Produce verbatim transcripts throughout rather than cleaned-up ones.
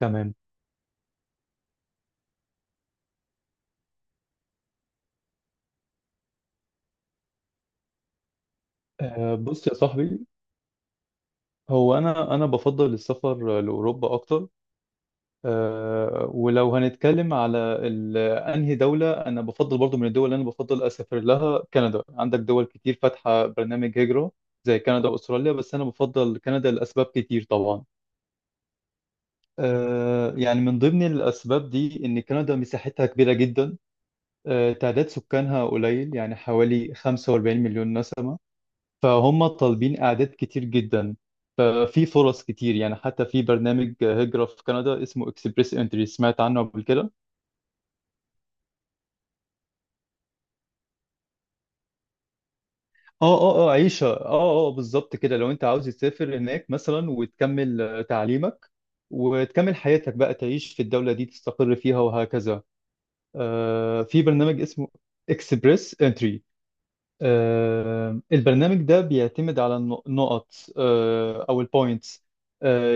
تمام. آه، بص يا صاحبي، هو انا انا بفضل السفر لاوروبا اكتر. آه، ولو هنتكلم على ال- انهي دوله انا بفضل، برضو من الدول اللي انا بفضل اسافر لها كندا. عندك دول كتير فاتحه برنامج هجره زي كندا واستراليا، بس انا بفضل كندا لاسباب كتير طبعا. آه، يعني من ضمن الاسباب دي ان كندا مساحتها كبيره جدا. آه، تعداد سكانها قليل، يعني حوالي خمسة واربعين مليون نسمه، فهم طالبين اعداد كتير جدا. ففي فرص كتير، يعني حتى في برنامج هجرة في كندا اسمه اكسبريس انتري، سمعت عنه قبل كده. اه، اه، اه، عيشة، اه، اه، بالظبط كده، لو انت عاوز تسافر هناك مثلا وتكمل آه، تعليمك، وتكمل حياتك بقى، تعيش في الدولة دي تستقر فيها وهكذا. آه في برنامج اسمه اكسبريس انتري. آه، البرنامج ده بيعتمد على النق- النقط، آه، او البوينتس.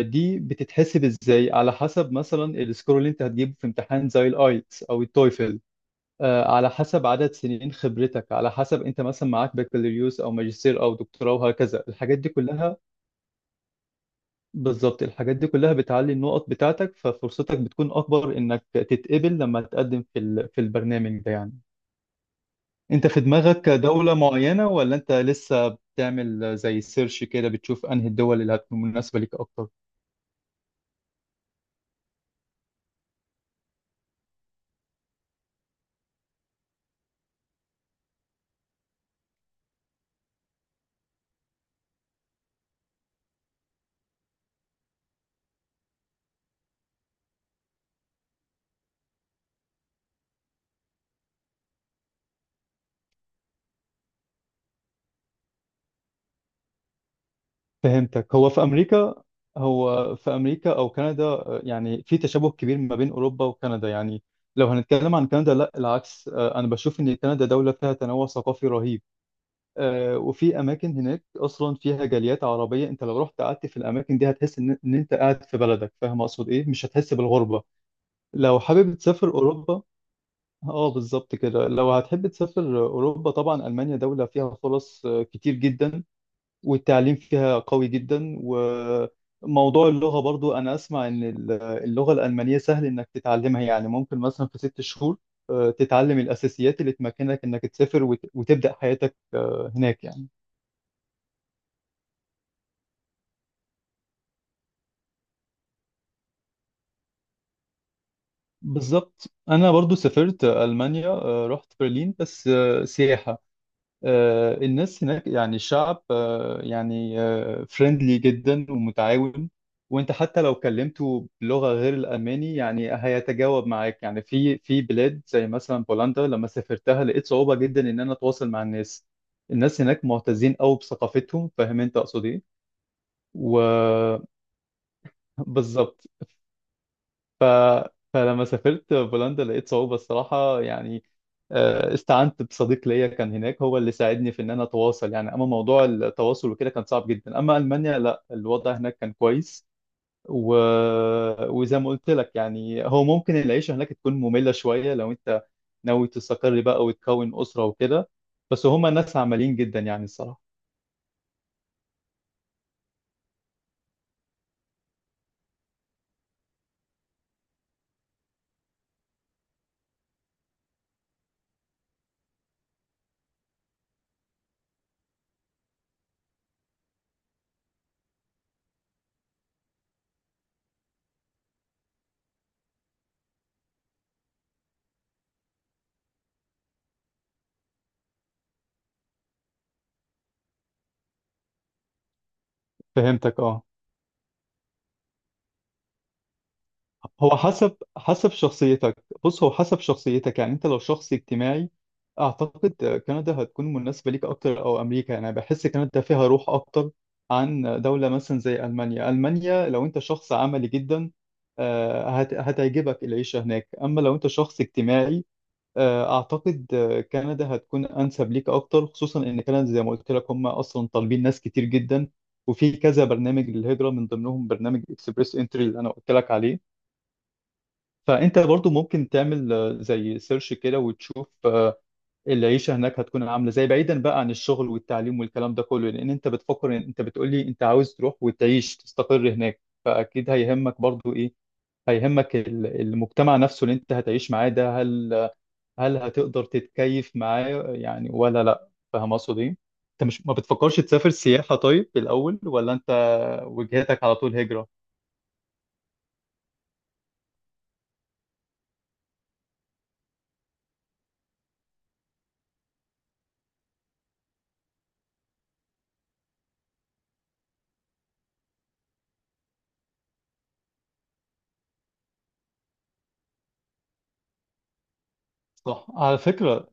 دي بتتحسب ازاي؟ على حسب مثلا السكور اللي انت هتجيبه في امتحان زي الايتس او التويفل. آه، على حسب عدد سنين خبرتك، على حسب انت مثلا معاك بكالوريوس او ماجستير او دكتوراه وهكذا، الحاجات دي كلها. بالظبط، الحاجات دي كلها بتعلي النقط بتاعتك، ففرصتك بتكون اكبر انك تتقبل لما تقدم في ال- في البرنامج ده يعني. انت في دماغك دولة معينة، ولا انت لسه بتعمل زي سيرش كده، بتشوف انهي الدول اللي هتكون مناسبة ليك اكتر؟ فهمتك. هو في امريكا هو في امريكا او كندا. آه، يعني في تشابه كبير ما بين اوروبا وكندا يعني. لو هنتكلم عن كندا لا العكس، آه، انا بشوف ان كندا دولة فيها تنوع ثقافي رهيب. آه، وفي اماكن هناك اصلا فيها جاليات عربية، انت لو رحت قعدت في الاماكن دي هتحس ان إن انت قاعد في بلدك. فاهم اقصد ايه؟ مش هتحس بالغربة. لو حابب تسافر اوروبا، اه بالظبط كده، لو هتحب تسافر اوروبا طبعا المانيا دوله فيها فرص آه، كتير جدا، والتعليم فيها قوي جدا. وموضوع اللغه برضو، انا اسمع ان اللغه الالمانيه سهل انك تتعلمها، يعني ممكن مثلا في ست شهور آه، تتعلم الاساسيات اللي تمكنك انك تسافر وت- وتبدا حياتك آه، هناك يعني. بالظبط. انا برضو سافرت المانيا، آه، رحت برلين بس آه، سياحه. آه، الناس هناك، يعني الشعب، آه، يعني فريندلي جدا ومتعاون. وانت حتى لو كلمته بلغة غير الألماني يعني هيتجاوب معاك. يعني في في بلاد زي مثلا بولندا، لما سافرتها لقيت صعوبة جدا ان انا اتواصل مع الناس. الناس هناك معتزين قوي بثقافتهم، فاهم انت اقصد ايه؟ وبالظبط. فلما سافرت بولندا لقيت صعوبة الصراحة يعني. آه، استعنت بصديق ليا كان هناك، هو اللي ساعدني في ان انا اتواصل. يعني اما موضوع التواصل وكده كان صعب جدا، اما المانيا لا، الوضع هناك كان كويس. و... وزي ما قلت لك يعني، هو ممكن العيشة هناك تكون مملة شوية لو انت ناوي تستقر بقى وتكون أسرة وكده. بس هما ناس عمليين جدا يعني الصراحة. فهمتك. اه، هو حسب حسب شخصيتك. بص، هو حسب شخصيتك يعني، انت لو شخص اجتماعي اعتقد كندا هتكون مناسبة ليك اكتر، او امريكا. يعني أنا بحس كندا فيها روح اكتر عن دولة مثلا زي المانيا. المانيا لو انت شخص عملي جدا آه، هت- هتعجبك العيشة هناك. اما لو انت شخص اجتماعي آه، اعتقد آه، كندا هتكون انسب ليك اكتر، خصوصا ان كندا زي ما قلت لك هم اصلا طالبين ناس كتير جدا. وفي كذا برنامج للهجرة، من ضمنهم برنامج اكسبريس انتري اللي انا قلت لك عليه. فانت برضو ممكن تعمل آه، زي سيرش كده وتشوف آه، العيشه هناك هتكون عامله زي، بعيدا بقى عن الشغل والتعليم والكلام ده كله، لان انت بتفكر، إن- انت بتقول لي انت عاوز تروح وتعيش تستقر هناك. فاكيد هيهمك برضو ايه؟ هيهمك ال- المجتمع نفسه اللي انت هتعيش معاه ده. هل هل هتقدر تتكيف معاه يعني ولا لا؟ فاهم اقصد ايه؟ انت مش ما بتفكرش تسافر سياحه طيب الاول، ولا انت وجهتك على طول هجره؟ صح على فكرة.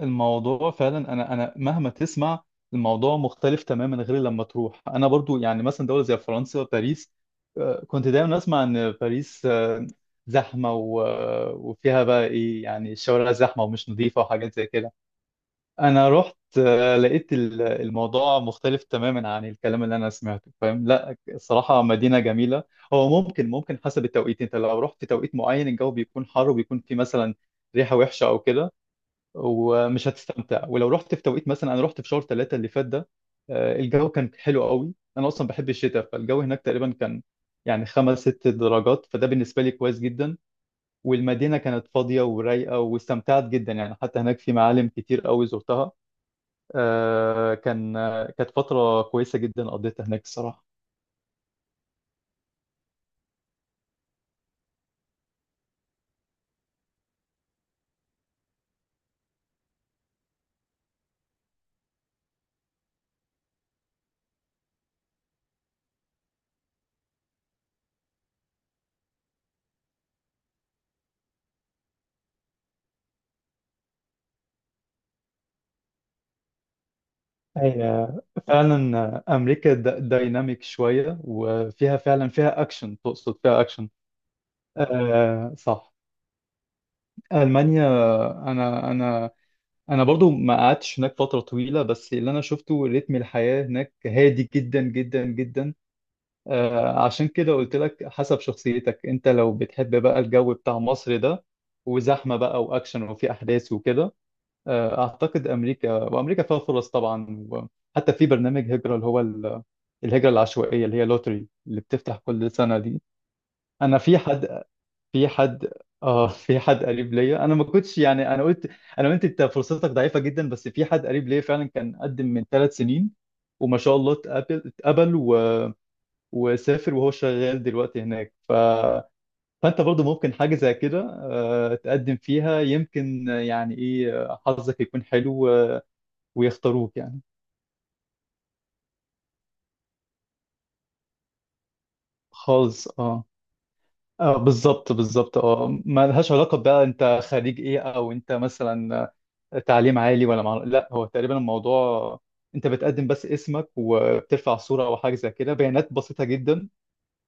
الموضوع فعلا، انا انا مهما تسمع، الموضوع مختلف تماما غير لما تروح. انا برضو يعني مثلا دوله زي فرنسا وباريس، آه، كنت دايما اسمع ان باريس آه، زحمه، و- آه، وفيها بقى ايه يعني، الشوارع زحمه ومش نظيفه وحاجات زي كده. انا رحت آه، لقيت ال- الموضوع مختلف تماما عن الكلام اللي انا سمعته. فاهم؟ لا، الصراحه مدينه جميله. هو ممكن ممكن حسب التوقيت. انت لو رحت في توقيت معين، الجو بيكون حر وبيكون في مثلا ريحه وحشه او كده ومش هتستمتع. ولو رحت في توقيت، مثلا انا رحت في شهر ثلاثة اللي فات ده، آه، الجو كان حلو قوي. انا اصلا بحب الشتاء، فالجو هناك تقريبا كان يعني خمس ست درجات، فده بالنسبة لي كويس جدا. والمدينة كانت فاضية ورايقة، واستمتعت جدا يعني. حتى هناك في معالم كتير قوي زرتها. آه، كان آه، كانت فترة كويسة جدا قضيتها هناك الصراحة. هي فعلا. آه، أمريكا دا- دايناميك شوية وفيها فعلا فيها أكشن. تقصد فيها أكشن؟ آه صح. ألمانيا، أنا أنا أنا برضو ما قعدتش هناك فترة طويلة، بس اللي أنا شفته رتم الحياة هناك هادي جدا جدا جدا. آه، عشان كده قلت لك حسب شخصيتك. أنت لو بتحب بقى الجو بتاع مصر ده، وزحمة بقى وأكشن وفي أحداث وكده، آه، أعتقد أمريكا. وأمريكا فيها فرص طبعا، وحتى في برنامج هجرة اللي هو ال- الهجرة العشوائية، اللي هي لوتري اللي بتفتح كل سنة دي. أنا في حد في حد اه في حد قريب ليا. انا ما كنتش يعني، انا قلت انا قلت انت فرصتك ضعيفه جدا. بس في حد قريب ليا فعلا كان قدم من ثلاث سنين، وما شاء الله اتقبل اتقبل و... وسافر، وهو شغال دلوقتي هناك. ف... فانت برضو ممكن حاجه زي كده آه، تقدم فيها، يمكن يعني ايه آه، حظك يكون حلو آه، ويختاروك يعني. خالص. اه، اه، بالظبط بالظبط، اه، ما لهاش علاقة بقى انت خريج ايه، او انت مثلا تعليم عالي ولا مع... لا، هو تقريبا الموضوع انت بتقدم بس اسمك، وبترفع صورة او حاجة زي كده، بيانات بسيطة جدا.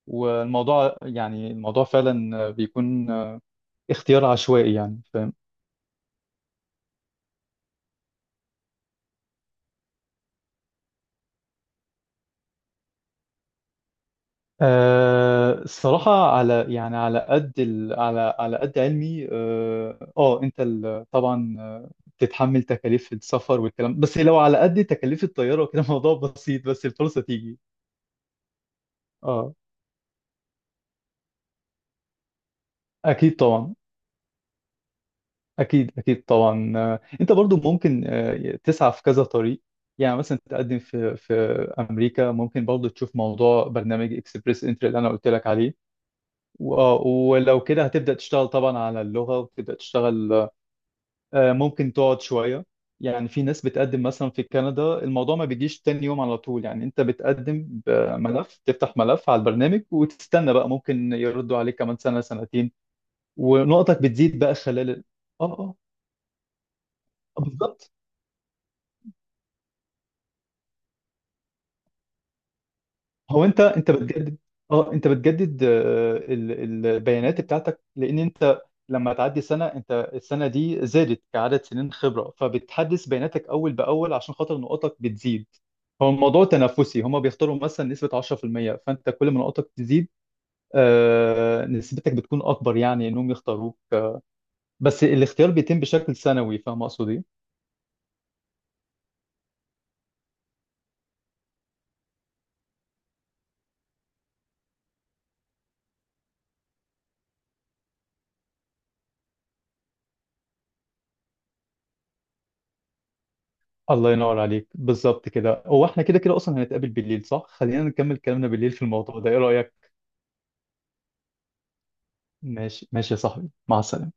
والموضوع يعني، الموضوع فعلا بيكون اختيار عشوائي يعني. فاهم؟ أه الصراحة، على يعني على قد ال... على على قد علمي، اه، آه، انت ال... طبعا آه، بتتحمل تكاليف السفر والكلام. بس لو على قد تكاليف الطيارة وكده الموضوع بسيط، بس الفرصة تيجي. اه اكيد طبعا، اكيد اكيد طبعا. آه، انت برضو ممكن آه، تسعى في كذا طريق. يعني مثلا تقدم في في امريكا، ممكن برضو تشوف موضوع برنامج اكسبريس انتري اللي انا قلت لك عليه. و- آه، ولو كده هتبدأ تشتغل طبعا على اللغة، وتبدأ تشتغل. آه، ممكن تقعد شوية. يعني في ناس بتقدم مثلا في كندا، الموضوع ما بيجيش تاني يوم على طول، يعني انت بتقدم بملف، تفتح ملف على البرنامج وتستنى بقى. ممكن يردوا عليك كمان سنة سنتين، ونقطك بتزيد بقى خلال ال- اه، اه، آه، بالظبط. هو انت انت بتجدد. اه، انت بتجدد آه، ال- البيانات بتاعتك، لان انت لما تعدي سنة، انت السنة دي زادت كعدد سنين خبرة، فبتحدث بياناتك اول باول عشان خاطر نقطك بتزيد. هو الموضوع تنافسي، هما بيختاروا مثلا نسبة عشرة في المية. فانت كل ما نقطك تزيد آه، نسبتك بتكون اكبر يعني انهم يختاروك. بس الاختيار بيتم بشكل سنوي. فاهم اقصد ايه؟ الله ينور عليك، بالظبط كده. هو احنا كده كده اصلا هنتقابل بالليل، صح؟ خلينا نكمل كلامنا بالليل في الموضوع ده، ايه رأيك؟ ماشي ماشي يا صاحبي، مع السلامة.